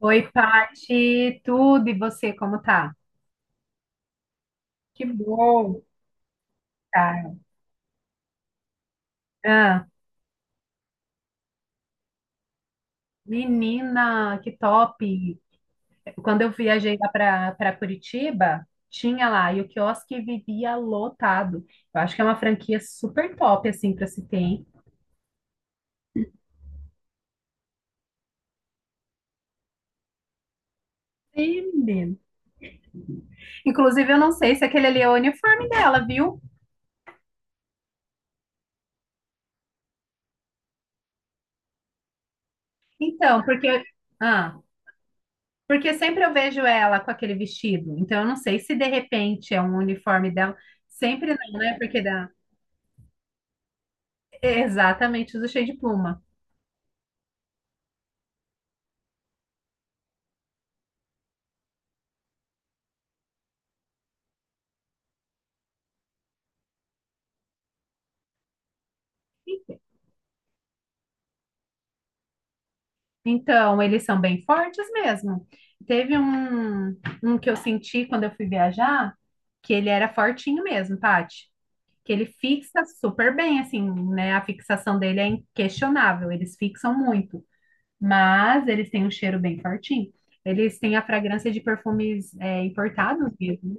Oi, Paty, tudo e você, como tá? Que bom, cara. Ah, menina, que top! Quando eu viajei lá para Curitiba, tinha lá, e o quiosque vivia lotado. Eu acho que é uma franquia super top, assim, para se ter, hein? Sim, menino. Inclusive, eu não sei se aquele ali é o uniforme dela, viu? Então, ah, porque sempre eu vejo ela com aquele vestido. Então, eu não sei se de repente é um uniforme dela. Sempre não, né? Porque da. Exatamente, os do Cheio de Pluma. Então, eles são bem fortes mesmo. Teve um que eu senti quando eu fui viajar, que ele era fortinho mesmo, Paty. Que ele fixa super bem, assim, né? A fixação dele é inquestionável, eles fixam muito. Mas eles têm um cheiro bem fortinho. Eles têm a fragrância de perfumes importados mesmo.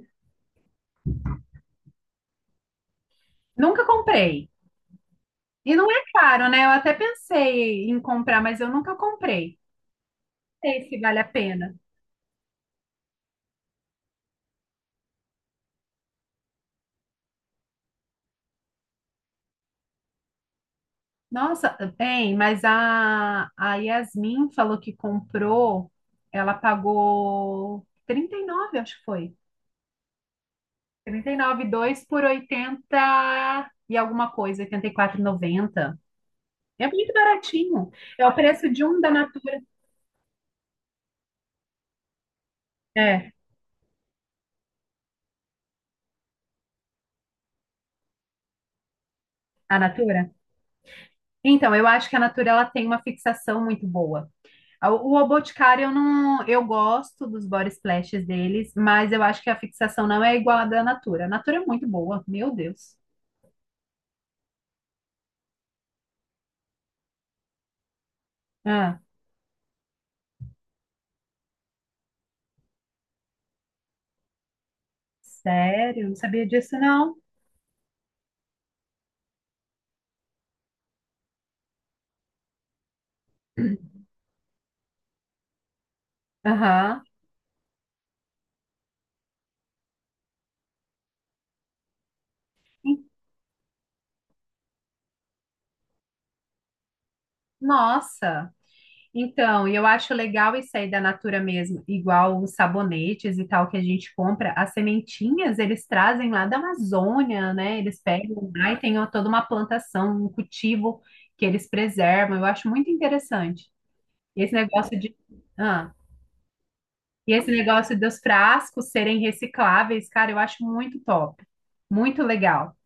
Nunca comprei. E não é caro, né? Eu até pensei em comprar, mas eu nunca comprei. Não sei se vale a pena. Nossa, bem, mas a Yasmin falou que comprou, ela pagou 39, acho que foi. Trinta e nove e dois por 80 e alguma coisa, oitenta e quatro e noventa. É muito baratinho. É o preço de um da Natura. É, a Natura? Então, eu acho que a Natura ela tem uma fixação muito boa. O Boticário, eu não, eu gosto dos body splashes deles, mas eu acho que a fixação não é igual à da Natura. A Natura é muito boa, meu Deus. Ah. Sério? Não sabia disso, não. Aham. En- Nossa. Então, e eu acho legal isso aí da Natura mesmo, igual os sabonetes e tal que a gente compra, as sementinhas eles trazem lá da Amazônia, né? Eles pegam lá e tem ó, toda uma plantação, um cultivo que eles preservam. Eu acho muito interessante. E Esse negócio de, ah, e esse negócio dos frascos serem recicláveis, cara, eu acho muito top, muito legal.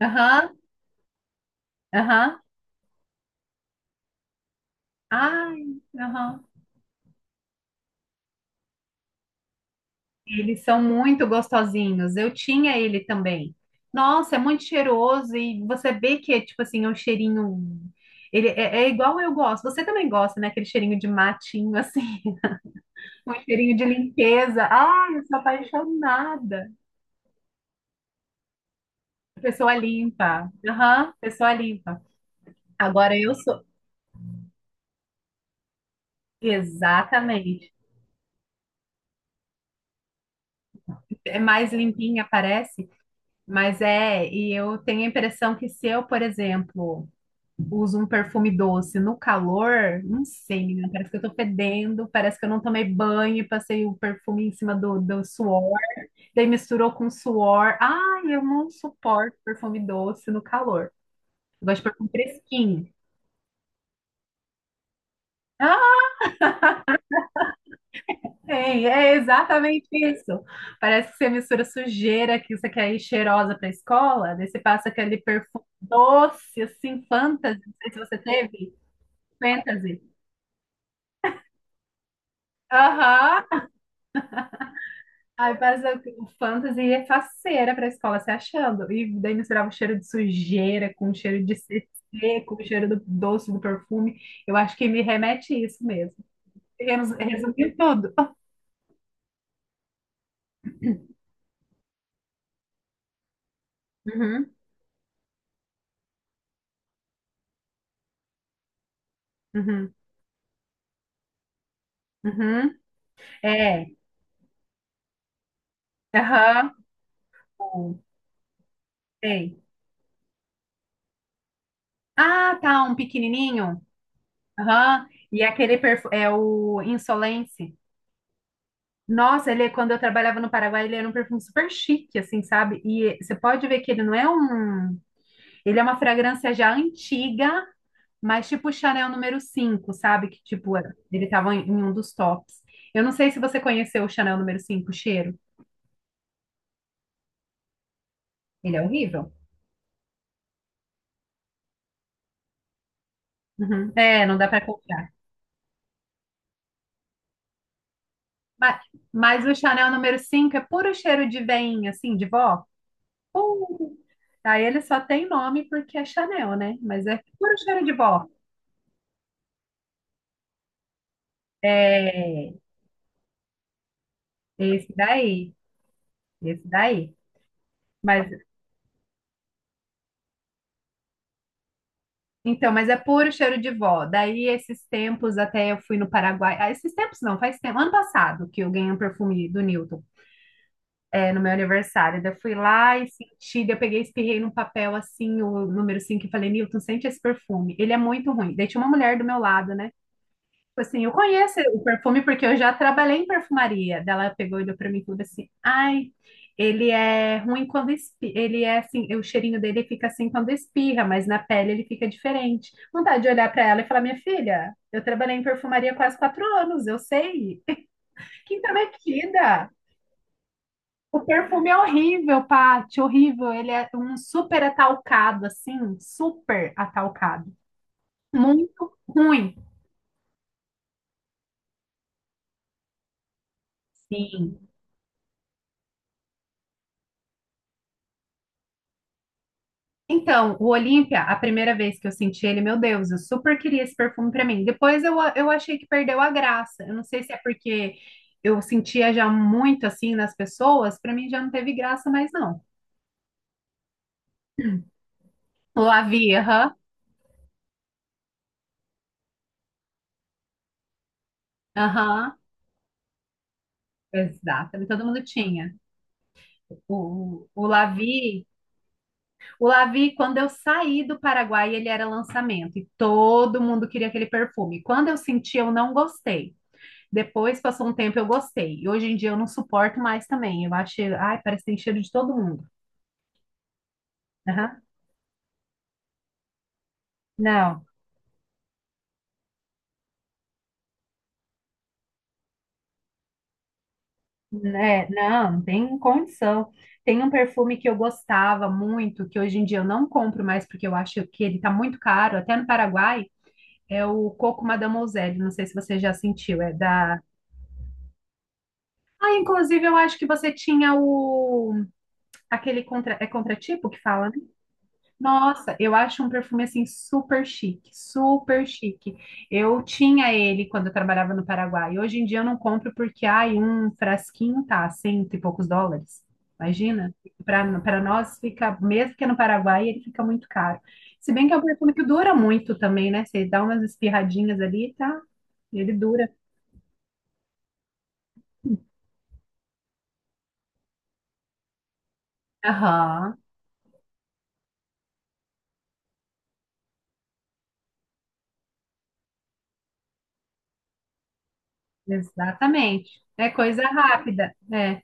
Aham, aham. Ai, aham. Eles são muito gostosinhos. Eu tinha ele também. Nossa, é muito cheiroso e você vê que é tipo assim, é um cheirinho. Ele é igual eu gosto. Você também gosta, né? Aquele cheirinho de matinho, assim, um cheirinho de limpeza. Ai, eu sou apaixonada. Pessoa limpa. Aham, pessoa limpa. Agora eu sou. Exatamente. É mais limpinha, parece, mas é. E eu tenho a impressão que se eu, por exemplo, uso um perfume doce no calor, não sei, menina, parece que eu tô fedendo, parece que eu não tomei banho e passei o perfume em cima do suor, daí misturou com suor. Ai, eu não suporto perfume doce no calor. Eu gosto de perfume fresquinho. Ah, tem, é exatamente isso. Parece que você mistura sujeira que você quer ir cheirosa pra escola, daí você passa aquele perfume doce, assim, fantasy, não sei se você teve, fantasy. Aham. Aí passa o fantasy é faceira pra escola se achando. E daí misturava o cheiro de sujeira com o cheiro de CC, com o cheiro do doce, do perfume. Eu acho que me remete a isso mesmo. Resumi tudo. Uhum, uhum, uhum. É, aham, uhum. Sei. Ah, tá, um pequenininho. Aham. E aquele perfume, é o Insolence. Nossa, ele, quando eu trabalhava no Paraguai, ele era um perfume super chique, assim, sabe? E você pode ver que ele não é um. Ele é uma fragrância já antiga, mas tipo Chanel número 5, sabe? Que tipo, ele tava em um dos tops. Eu não sei se você conheceu o Chanel número 5 o cheiro. Ele é horrível. Uhum. É, não dá pra comprar. Mas, mas o Chanel número 5 é puro cheiro de veinha, assim, de vó. Puro. Aí ele só tem nome porque é Chanel, né? Mas é puro cheiro de vó. É, esse daí, esse daí. Mas então, é puro cheiro de vó. Daí, esses tempos, até eu fui no Paraguai. Ah, esses tempos não, faz tempo. Ano passado que eu ganhei um perfume do Newton, no meu aniversário. Daí, eu fui lá e senti. Daí, eu peguei, e espirrei num papel assim, o número 5 e falei, Newton, sente esse perfume. Ele é muito ruim. Daí, tinha uma mulher do meu lado, né? Tipo assim, eu conheço o perfume porque eu já trabalhei em perfumaria. Daí, ela pegou e olhou pra mim e falou assim: Ai, ele é ruim quando espirra. Ele é assim, o cheirinho dele fica assim quando espirra, mas na pele ele fica diferente. Vontade de olhar pra ela e falar: Minha filha, eu trabalhei em perfumaria quase 4 anos, eu sei. Quinta metida. O perfume é horrível, Paty, horrível. Ele é um super atalcado, assim, super atalcado. Muito ruim. Sim. Então, o Olímpia, a primeira vez que eu senti ele, meu Deus, eu super queria esse perfume para mim. Depois eu achei que perdeu a graça. Eu não sei se é porque eu sentia já muito assim nas pessoas, para mim já não teve graça mais não. O Lavi, aham, aham, exato, todo mundo tinha. O, o o Lavi, o Lavi, quando eu saí do Paraguai, ele era lançamento e todo mundo queria aquele perfume. Quando eu senti, eu não gostei. Depois passou um tempo, eu gostei. E hoje em dia eu não suporto mais também. Eu acho, ai, parece que tem cheiro de todo mundo. Aham. Não, né? Não, não tem condição. Tem um perfume que eu gostava muito, que hoje em dia eu não compro mais porque eu acho que ele tá muito caro, até no Paraguai, é o Coco Mademoiselle. Não sei se você já sentiu, é da. Ah, inclusive eu acho que você tinha o aquele contra é contratipo que fala, né? Nossa, eu acho um perfume assim super chique, super chique. Eu tinha ele quando eu trabalhava no Paraguai. Hoje em dia eu não compro porque ai, um frasquinho tá cento e poucos dólares. Imagina? Para nós fica, mesmo que é no Paraguai, ele fica muito caro. Se bem que é um perfume que dura muito também, né? Você dá umas espirradinhas ali, tá? Ele dura. Aham, exatamente. É coisa rápida, né?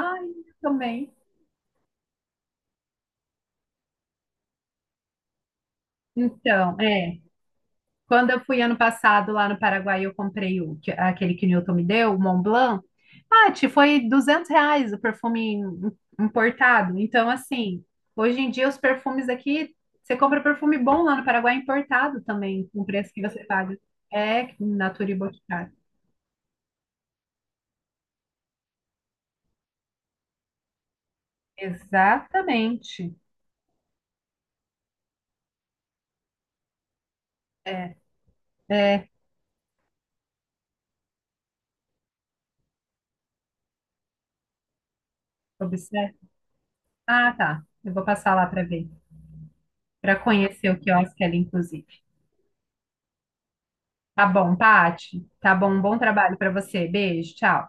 Ai, eu também. Então, é. Quando eu fui ano passado lá no Paraguai, eu comprei aquele que o Newton me deu, o Mont Blanc. Paty, foi R$ 200 o perfume importado. Então, assim, hoje em dia os perfumes aqui, você compra perfume bom lá no Paraguai é importado também, com o preço que você paga. É, Natura e Boticário. Exatamente. É, é, observe. Ah, tá. Eu vou passar lá para ver, para conhecer o quiosque ali, inclusive. Tá bom, Paty. Tá bom, um bom trabalho para você. Beijo, tchau.